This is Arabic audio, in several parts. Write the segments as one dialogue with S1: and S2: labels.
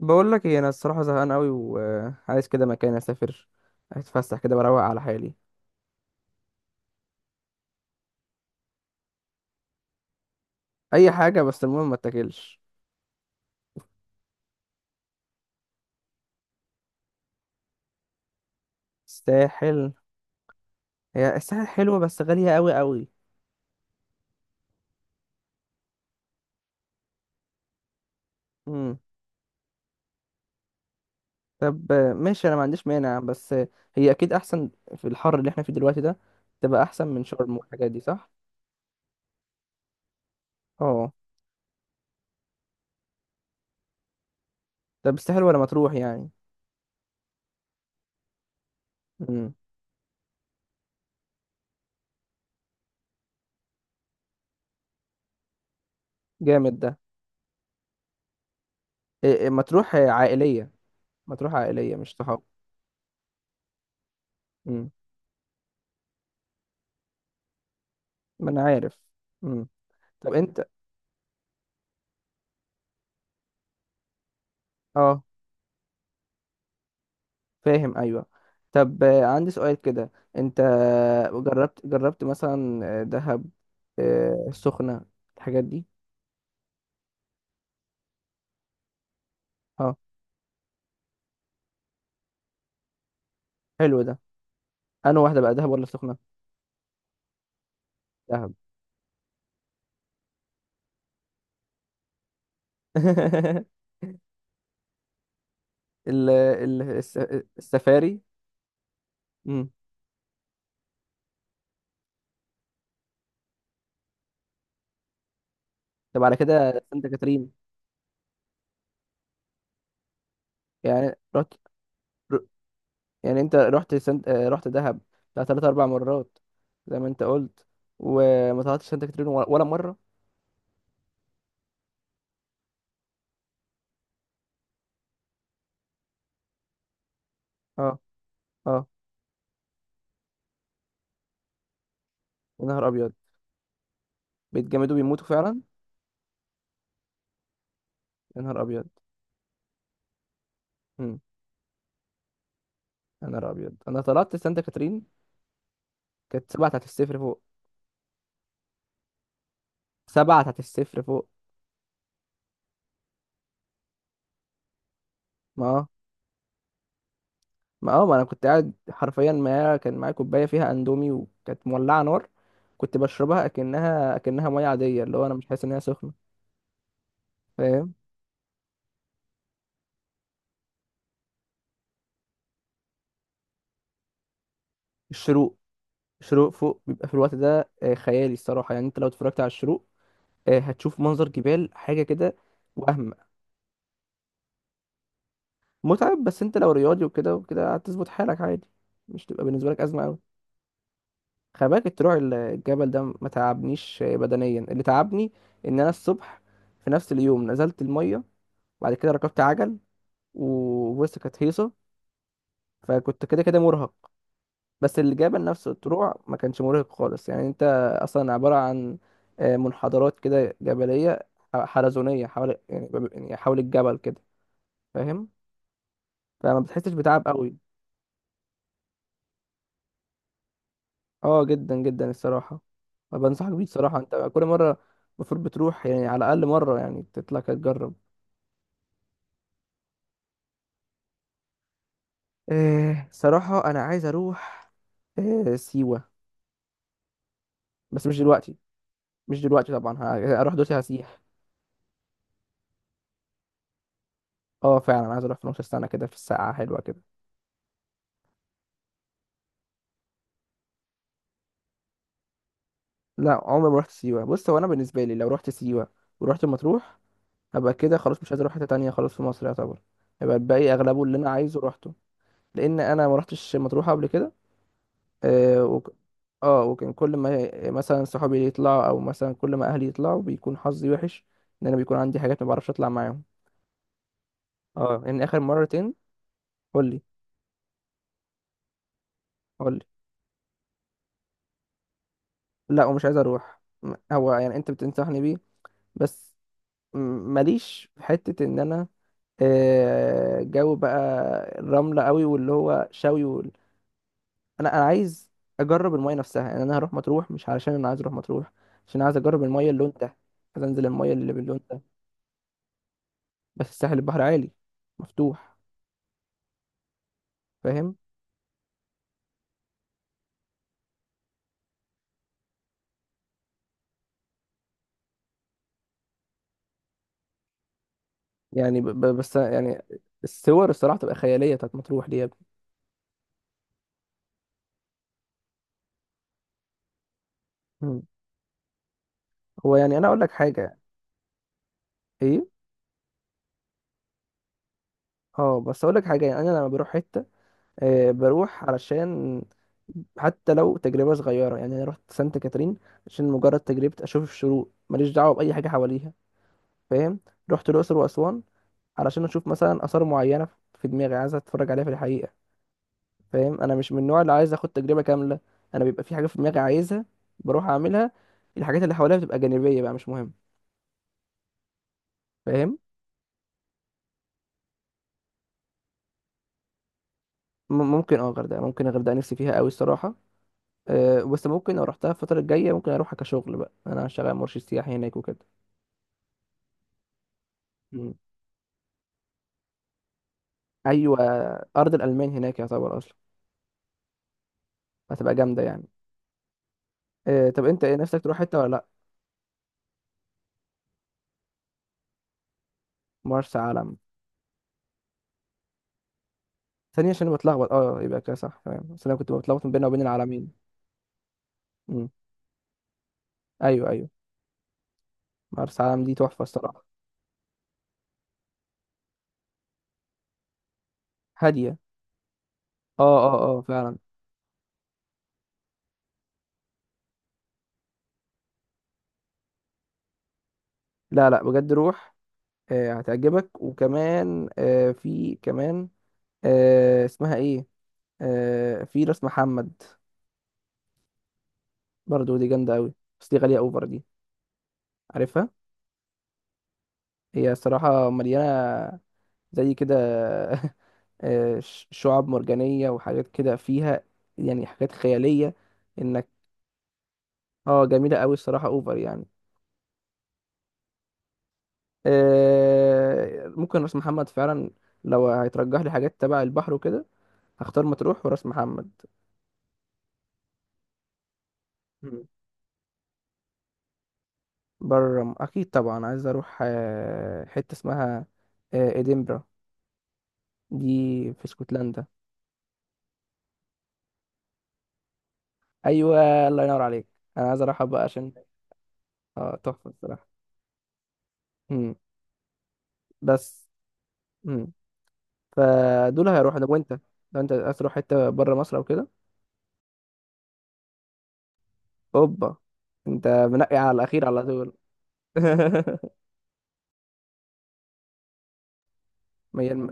S1: بقول لك ايه، انا الصراحه زهقان قوي وعايز كده مكان اسافر، اتفسح كده، بروق على حالي. اي حاجه، بس المهم ما اتاكلش. الساحل؟ هي الساحل حلوه، بس غاليه قوي قوي. امم. طب، ماشي، انا ما عنديش مانع، بس هي اكيد احسن. في الحر اللي احنا فيه دلوقتي ده تبقى احسن من شرم والحاجات دي، صح؟ اه. طب، الساحل ولا مطروح يعني؟ امم. جامد ده. إيه، مطروح عائليه. مطروح عائليه، مش صحاب. امم. ما انا عارف. امم. طب انت. اه. فاهم، ايوه. طب، عندي سؤال كده. انت. جربت مثلا دهب، السخنة، الحاجات دي؟ اه. حلو ده. انا واحدة بقى، دهب ولا سخنة؟ دهب. ال ال الس- السفاري. امم. طب على كده سانت كاترين؟ يعني رحت، ر- يعني انت رحت سنت... آه، رحت دهب بتاع تلات اربع مرات، زي ما انت قلت، وما طلعتش سانت كاترين ولا مرة. اه، اه. يا نهار ابيض! بيتجمدوا، بيموتوا فعلا. يا نهار ابيض! مم. يا نهار ابيض، انا طلعت سانتا كاترين! كانت 7 تحت الصفر فوق. 7 تحت الصفر فوق. ما اه ما انا كنت قاعد حرفيا، معايا كان معايا كوبايه فيها اندومي، وكانت مولعه نار. كنت بشربها اكنها ميه عاديه، اللي هو انا مش حاسس ان هي سخنه. فاهم؟ الشروق. الشروق فوق بيبقى في الوقت ده خيالي الصراحه، يعني انت لو اتفرجت على الشروق، هتشوف منظر جبال حاجه كده. وهم. متعب، بس انت لو رياضي وكده وكده هتظبط حالك عادي. مش تبقى بالنسبه لك ازمه. خلي بالك، الطلوع الجبل ده ما تعبنيش، بدنيا اللي تعبني ان انا الصبح في نفس اليوم نزلت الميه، بعد كده ركبت عجل، وبص كانت هيصه، فكنت كده كده مرهق. بس الجبل نفسه الطلوع ما كانش مرهق خالص، يعني انت اصلا عباره عن منحدرات كده جبليه، حلزونيه حوالي، يعني يعني حول الجبل كده. فاهم؟ فما بتحسش بتعب قوي. اه، جدا جدا الصراحه. بنصحك بيه الصراحه، انت كل مره المفروض بتروح، يعني على الاقل مره، يعني تطلع كده تجرب. صراحة أنا عايز أروح سيوة، بس مش دلوقتي. مش دلوقتي طبعا، هروح دلوقتي هسيح. اه، فعلا عايز أروح في نص السنة كده، في الساعة حلوة كده. لا، عمري ما رحت سيوة. بص، هو أنا بالنسبة لي لو رحت سيوة ورحت مطروح، هبقى كده خلاص، مش عايز أروح حتة تانية خلاص في مصر يعتبر. هيبقى الباقي أغلبه اللي أنا عايزه روحته. لأن أنا ما رحتش مطروح قبل كده. آه وك... اه، وكان كل ما مثلا صحابي يطلعوا، أو مثلا كل ما أهلي يطلعوا، بيكون حظي وحش. إن أنا بيكون عندي حاجات ما بعرفش أطلع معاهم. اه، يعني آخر مرتين. قول لي. قول لي. لا، ومش عايز اروح. هو يعني انت بتنصحني بيه؟ بس. م- ماليش في حتة ان انا جو بقى الرملة قوي، واللي هو شوي انا عايز اجرب المايه نفسها، يعني انا هروح مطروح مش علشان انا عايز اروح مطروح، عشان عايز اجرب المايه اللون ده، عايز انزل المايه اللي باللون ده. بس الساحل البحر عالي، مفتوح. فاهم؟ يعني بس يعني. الصور الصراحة تبقى خيالية بتاعت مطروح دي يا ابني. مم. هو يعني انا اقول لك حاجة. ايه؟ اه، بس اقول لك حاجة، يعني انا لما بروح حتة بروح علشان حتى لو تجربة صغيرة. يعني أنا رحت سانت كاترين عشان مجرد تجربة، أشوف الشروق، ماليش دعوة بأي حاجة حواليها. فاهم؟ رحت الأقصر وأسوان علشان أشوف مثلا آثار معينة في دماغي عايز أتفرج عليها في الحقيقة. فاهم؟ أنا مش من النوع اللي عايز أخد تجربة كاملة، أنا بيبقى في حاجة في دماغي عايزها، بروح أعملها. الحاجات اللي حواليها بتبقى جانبية بقى، مش مهم. فاهم؟ ممكن، اه، غردقة، ممكن الغردقة نفسي فيها قوي الصراحة. أه، بس ممكن لو رحتها الفترة الجاية ممكن أروحها كشغل، بقى أنا شغال مرشد سياحي هناك وكده. ايوه، ارض الالمان هناك يعتبر اصلا، هتبقى جامده يعني. إيه، طب انت ايه نفسك تروح حته ولا لا؟ مرسى علم؟ ثانيه، عشان أنا بتلخبط. اه، يبقى كده صح تمام، بس انا كنت بتلخبط بيننا وبين العالمين. امم. ايوه، ايوه، مرسى علم دي تحفه الصراحه. هاديه. اه، اه، اه، فعلا. لا، لا، بجد روح. هتعجبك، وكمان في كمان، اسمها ايه؟ في راس محمد، برضو دي جامده قوي. بس دي غاليه اوفر دي. عارفها؟ هي الصراحه مليانه، زي كده. شعاب مرجانية وحاجات كده فيها، يعني حاجات خيالية. انك. اه، جميلة قوي الصراحة، اوفر يعني. ممكن راس محمد فعلا، لو هيترجح لي حاجات تبع البحر وكده، هختار مطروح وراس محمد. مم. بره، اكيد طبعا، عايز اروح حتة اسمها ادنبرا، دي في اسكتلندا. ايوه، الله ينور عليك. انا عايز اروحها بقى عشان اه، تحفة الصراحة. مم. بس. مم. فدول هيروحوا، لو انت لو انت عايز تروح حته بره مصر او كده. اوبا! انت منقي على الاخير على طول. ما هي- الم-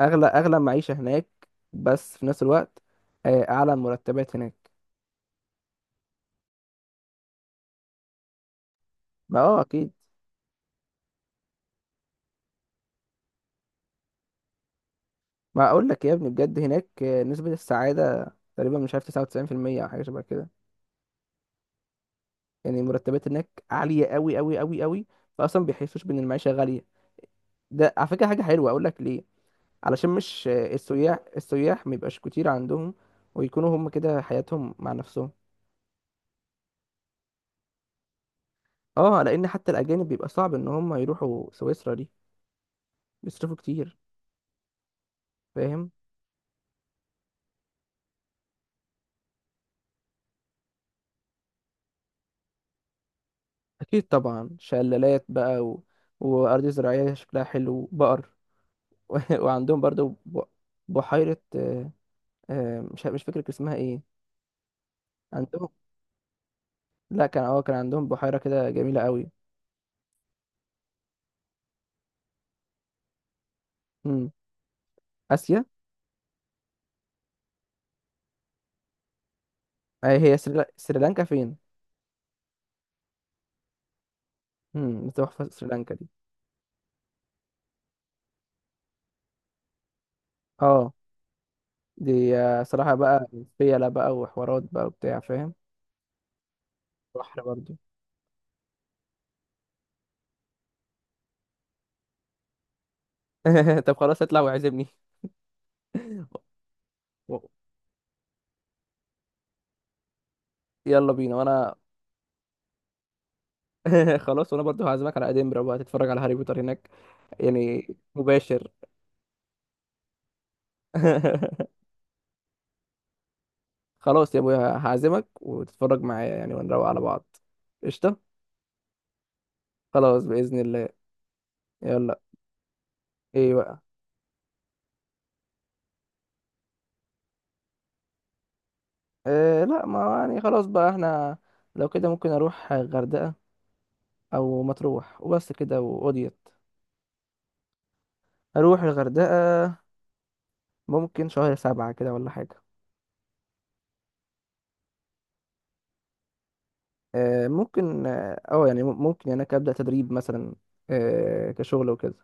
S1: اغلى معيشه هناك، بس في نفس الوقت اعلى المرتبات هناك. ما اكيد. ما اقول لك يا ابني، بجد هناك نسبه السعاده تقريبا، مش عارف، 99% او حاجه شبه كده. يعني المرتبات هناك عاليه قوي قوي قوي قوي، فاصلا بيحسوش بان المعيشه غاليه. ده على فكره حاجه حلوه، اقول لك ليه؟ علشان مش السياح ميبقاش كتير عندهم، ويكونوا هم كده حياتهم مع نفسهم. اه، لان حتى الاجانب بيبقى صعب ان هم يروحوا سويسرا دي، بيصرفوا كتير. فاهم؟ اكيد طبعا، شلالات بقى وارض زراعيه شكلها حلو، بقر. وعندهم برضو بحيره، مش فاكر كان اسمها ايه. عندهم، لا، كان عندهم بحيره كده جميله قوي. امم. اسيا؟ هي سريلانكا فين؟ امم، تحفه سريلانكا دي. اه، دي صراحة بقى فيلا بقى، وحوارات بقى وبتاع، فاهم؟ بحر برضو. طب خلاص، اطلع وعزمني. و- يلا بينا، وانا. خلاص، وانا برضو هعزمك على ادنبرا بقى تتفرج على هاري بوتر هناك، يعني، مباشر. خلاص يا ابويا هعزمك، وتتفرج معايا يعني ونروق على بعض. قشطة. خلاص بإذن الله. يلا. ايه بقى؟ إيه، لا ما يعني، خلاص بقى احنا لو كده ممكن اروح غردقة او مطروح، وبس كده وقضيت. اروح الغردقة ممكن شهر سبعة كده ولا حاجة. ممكن، يعني، ممكن يعني أنا أبدأ تدريب مثلا، كشغل وكده.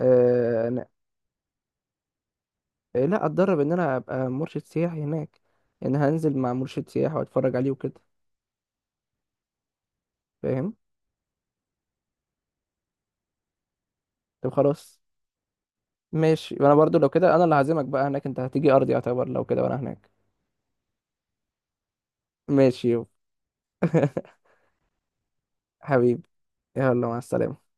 S1: أنا. لا، أتدرب إن أنا أبقى مرشد سياحي هناك، إن هنزل مع مرشد سياحي وأتفرج عليه وكده. فاهم. طب خلاص. ماشي، وأنا برضو لو كده أنا اللي هعزمك بقى هناك، أنت هتيجي أرضي يعتبر لو كده وأنا هناك. ماشي يو. حبيبي. يلا، مع السلامة.